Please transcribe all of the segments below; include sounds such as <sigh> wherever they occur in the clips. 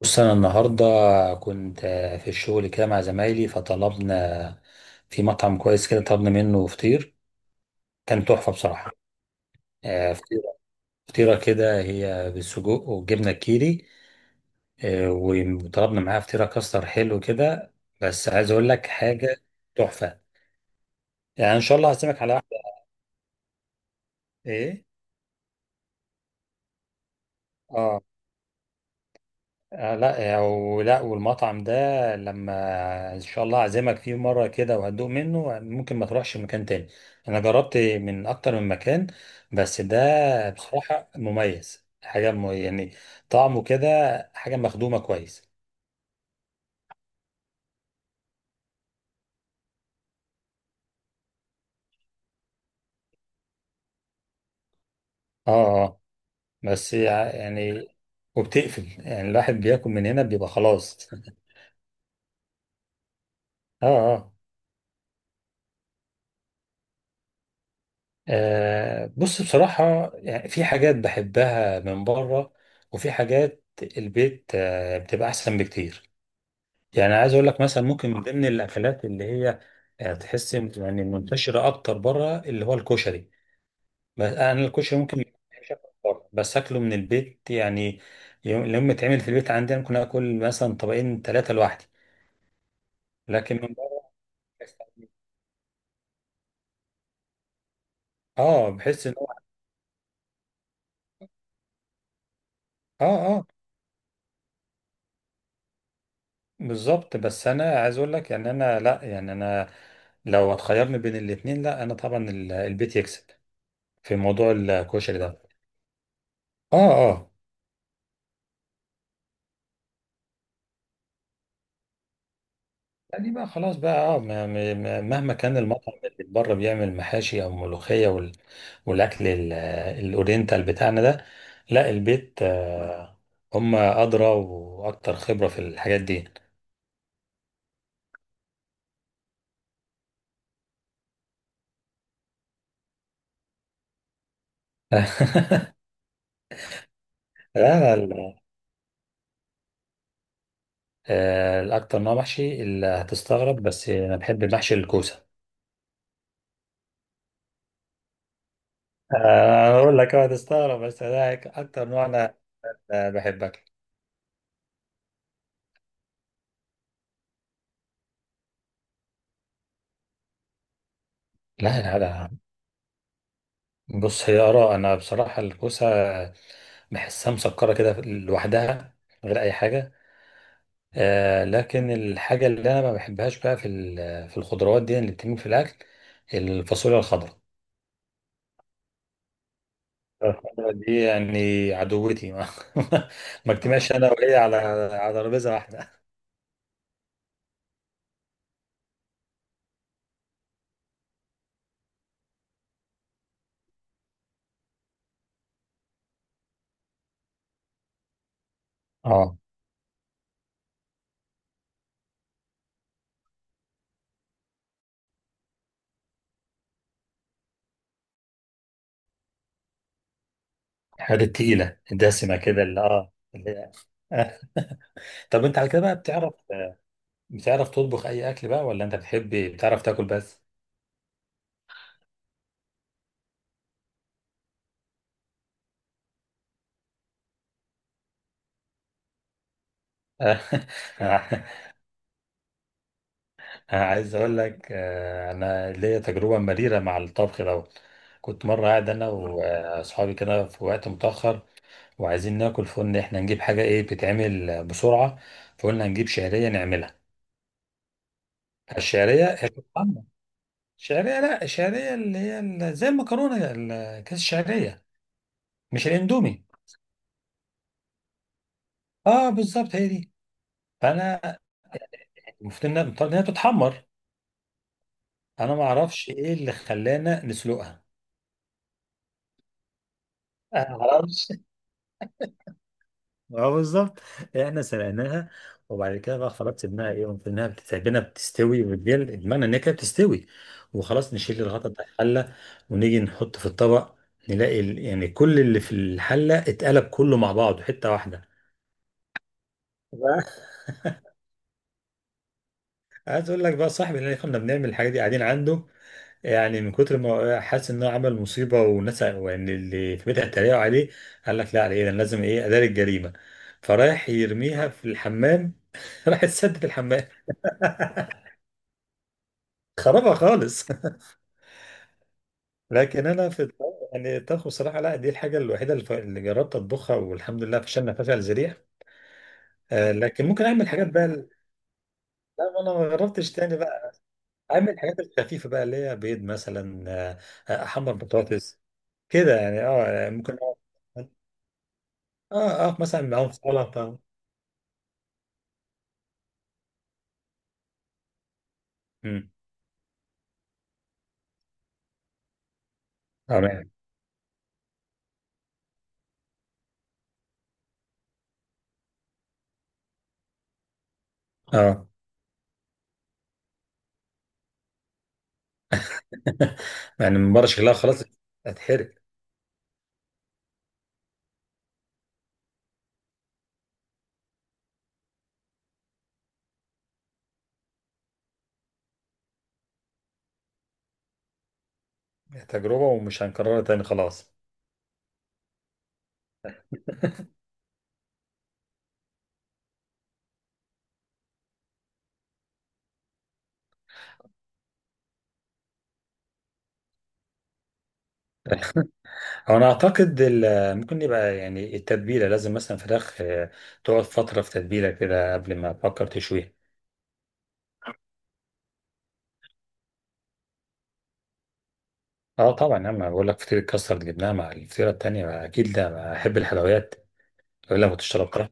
بص انا النهارده كنت في الشغل كده مع زمايلي، فطلبنا في مطعم كويس كده. طلبنا منه فطير، كان تحفه بصراحه. آه، فطيره كده هي بالسجق والجبنه الكيري. وطلبنا معاها فطيره كاستر حلو كده. بس عايز اقول لك حاجه تحفه، يعني ان شاء الله هعزمك على واحده. ايه، اه، لا، ولا والمطعم ده لما ان شاء الله اعزمك فيه مره كده وهتدوق منه، ممكن ما تروحش مكان تاني. انا جربت من اكتر من مكان، بس ده بصراحه مميز حاجه، يعني طعمه كده حاجه مخدومه كويس. اه، اه. يعني وبتقفل، يعني الواحد بياكل من هنا بيبقى خلاص. <laughs> اه، اه. بص بصراحة يعني في حاجات بحبها من بره، وفي حاجات البيت آه بتبقى أحسن بكتير. يعني عايز أقول لك مثلا ممكن من ضمن الأكلات اللي هي تحس يعني منتشرة أكتر بره، اللي هو الكشري. بس أنا الكشري ممكن ما بحبش أكله بره، بس أكله من البيت يعني. يوم لما يتعمل في البيت عندي أنا ممكن آكل مثلا طبقين ثلاثة لوحدي. لكن من بره، اه بحس ان هو. اه، اه، بالظبط. بس انا عايز اقول لك، يعني انا لا، يعني انا لو هتخيرني بين الاتنين، لا انا طبعا البيت يكسب في موضوع الكشري ده. اه، اه. يعني بقى خلاص بقى اه، مهما كان المطعم اللي بره بيعمل محاشي او ملوخيه والاكل الاورينتال بتاعنا ده، لا البيت آه، هم ادرى واكتر خبره في الحاجات دي. <laughs> لا، لا. آه، الأكتر نوع محشي اللي هتستغرب بس أنا بحب محشي الكوسة. آه، أنا أقول لك أه هتستغرب بس ده أكتر نوع أنا بحبه. لا، لا، لا. بص هي آراء، أنا بصراحة الكوسة بحسها مسكرة كده لوحدها من غير أي حاجة. لكن الحاجة اللي أنا ما بحبهاش بقى في في الخضروات دي اللي بتتم في الأكل، الفاصوليا الخضراء. الخضراء دي يعني عدوتي. <laughs> ما اجتمعش أنا وهي على ترابيزة واحدة. اه، الحاجات التقيلة الدسمة كده اللي اه اللي هي- <laughs> طب أنت على كده بقى بتعرف، بتعرف تطبخ أي أكل بقى؟ ولا أنت بتحب بتعرف تاكل بس؟ <laughs> أنا عايز أقول لك أنا ليا تجربة مريرة مع الطبخ دوت. كنت مرة قاعد أنا وأصحابي كده في وقت متأخر وعايزين ناكل، فقلنا إحنا نجيب حاجة إيه بتتعمل بسرعة. فقلنا نجيب شعرية نعملها. الشعرية هي بتتعمل شعرية. لا، الشعرية اللي هي زي المكرونة، كيس الشعرية، مش الإندومي. أه بالظبط هي دي. فأنا المفروض إنها بتتحمر. أنا ما أعرفش إيه اللي خلانا نسلقها. أنا معرفش. اه، بالظبط. إيه، احنا سلقناها، وبعد كده بقى خلاص سيبناها. ايه، قمت انها بتتعبنا بتستوي وبتجل، بمعنى ان هي كده بتستوي، وخلاص نشيل الغطا بتاع الحله ونيجي نحط في الطبق، نلاقي يعني كل اللي في الحله اتقلب كله مع بعضه حته واحده. <laughs> بقى- عايز اقول لك بقى، صاحبي اللي كنا بنعمل الحاجات دي قاعدين عنده، يعني من كتر ما حاسس ان هو عمل مصيبه والناس يعني اللي في بيتها اتريقوا عليه، قال لك لا على ايه ده، أنا لازم ايه اداري الجريمه. فرايح يرميها في الحمام. <laughs> راح تسدد الحمام، خربها خالص. لكن انا في يعني الطبخ بصراحه، لا، دي الحاجه الوحيده اللي اللي جربت اطبخها والحمد لله فشلنا فشل ذريع. آه، لكن ممكن اعمل حاجات بقى لا ما انا ما جربتش تاني بقى. اعمل الحاجات الخفيفه بقى اللي هي بيض مثلا، آه، آه، احمر بطاطس كده، يعني اه ممكن. اه، اه، مثلا معاهم سلطه. امم تمام. اه. <laughs> يعني من بره شكلها خلاص هتحرق. تجربه ومش هنكررها تاني خلاص. هو انا اعتقد ممكن يبقى يعني التتبيله لازم، مثلا فراخ آه، تقعد فتره في تتبيله كده قبل ما افكر تشويها. اه طبعا يا عم، أنا بقول لك فطيره كاستر جبناها مع الفطيره التانيه، اكيد ده احب الحلويات. ولا ما تشربها.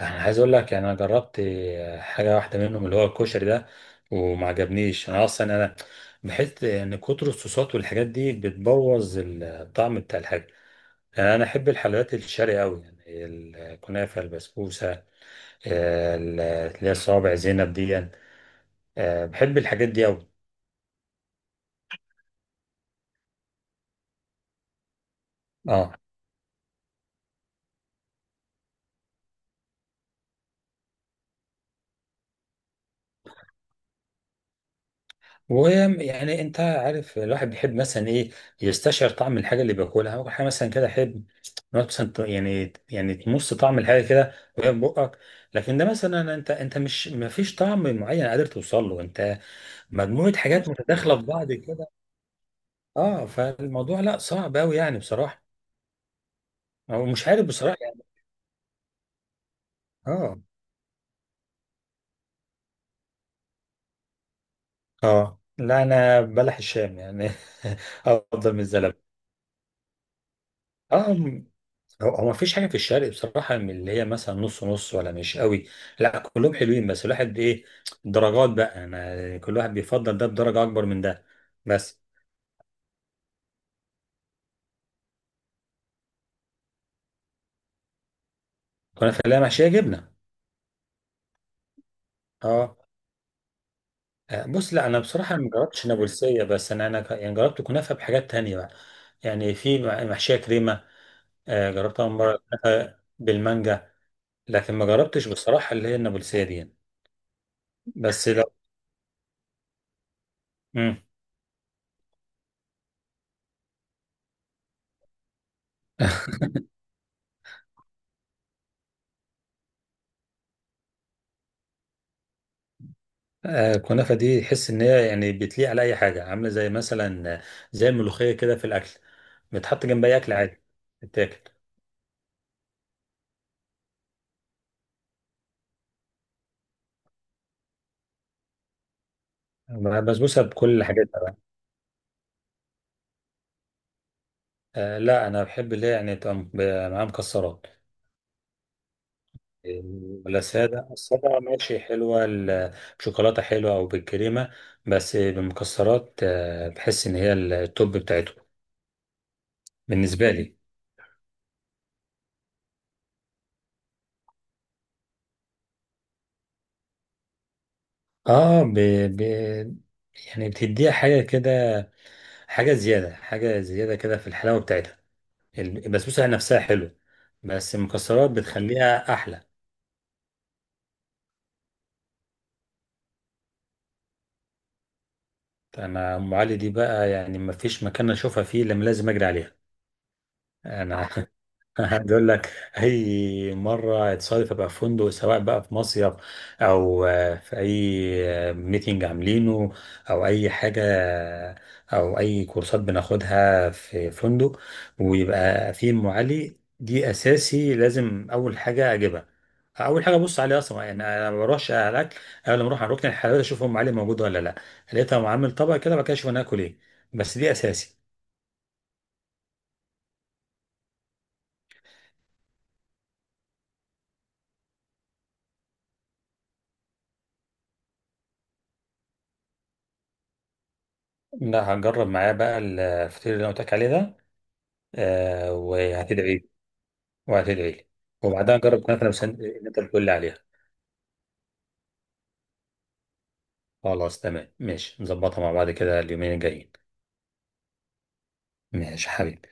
انا عايز اقول لك يعني انا جربت حاجه واحده منهم اللي هو الكشري ده، وما عجبنيش. انا اصلا انا بحس ان كتر الصوصات والحاجات دي بتبوظ الطعم بتاع الحاجه. يعني انا احب الحلويات الشرقي قوي، يعني الكنافه، البسبوسه، آه، اللي هي صوابع زينب دي يعني. آه، بحب الحاجات دي أوي. اه، ويعني انت عارف الواحد بيحب مثلا ايه، يستشعر طعم الحاجه اللي بياكلها اول حاجه مثلا كده احب. مثلا يعني، يعني تمص طعم الحاجه كده وهي في بقك، لكن ده مثلا انت مش ما فيش طعم معين قادر توصل له انت. مجموعه حاجات متداخله في بعض كده. اه، فالموضوع لا صعب قوي يعني بصراحه، او مش عارف بصراحه يعني. اه، اه، لا انا بلح الشام يعني. <laughs> افضل من الزلمه. اه هو مفيش حاجه في الشرق بصراحه من اللي هي مثلا نص نص ولا مش قوي. لا كلهم حلوين، بس الواحد ايه، درجات بقى، انا كل واحد بيفضل ده بدرجه اكبر من ده بس. كنا في اللي محشيه جبنه. اه، آه، بص لا انا بصراحه ما جربتش نابلسيه، بس انا، يعني جربت كنافه بحاجات تانية بقى. يعني في محشيه كريمه، آه، جربتها مره كنافة بالمانجا، لكن ما جربتش بصراحه اللي هي النابلسيه دي يعني. بس لو مم. آه، الكنافة دي تحس إن هي يعني بتليق على أي حاجة، عاملة زي مثلا آه، زي الملوخية كده في الأكل، بتحط جنب أي أكل عادي بتاكل. بسبوسة بكل حاجاتها بقى، آه، لا أنا بحب اللي هي يعني تبقى معاها مكسرات. آه، ولا سادة. السادة ماشي حلوة، بشوكولاتة حلوة أو بالكريمة، بس بالمكسرات آه، بحس إن هي التوب بتاعته بالنسبة لي. آه ب... ب... يعني بتديها حاجة كده، حاجة زيادة، حاجة زيادة كده في الحلاوة بتاعتها. البسبوسة نفسها حلوة، بس المكسرات بتخليها أحلى. أنا أم علي دي بقى يعني مفيش مكان أشوفها فيه إلا لما لازم أجري عليها. أنا <laughs> عايز أقول لك، أي مرة اتصادف أبقى في فندق، سواء بقى في مصيف أو آه، في أي ميتنج عاملينه، أو أي حاجة، أو أي كورسات بناخدها في فندق، ويبقى في أم علي دي أساسي لازم أول حاجة أجيبها. اول حاجه ابص عليه اصلا، يعني انا ما بروحش على الاكل قبل ما اروح على ركن الحلويات، اشوف ام علي موجود ولا لا. لقيتها، معامل طبق كده. بعد كده اشوف انا اكل ايه، بس دي اساسي. لا هجرب معاه بقى الفطير اللي انا قلت لك عليه ده. آه وهتدعي لي، وهتدعي لي. وبعدها نجرب كنافه لو اللي انت بتقول لي عليها. خلاص تمام ماشي، نظبطها مع بعض كده اليومين الجايين. ماشي حبيبي.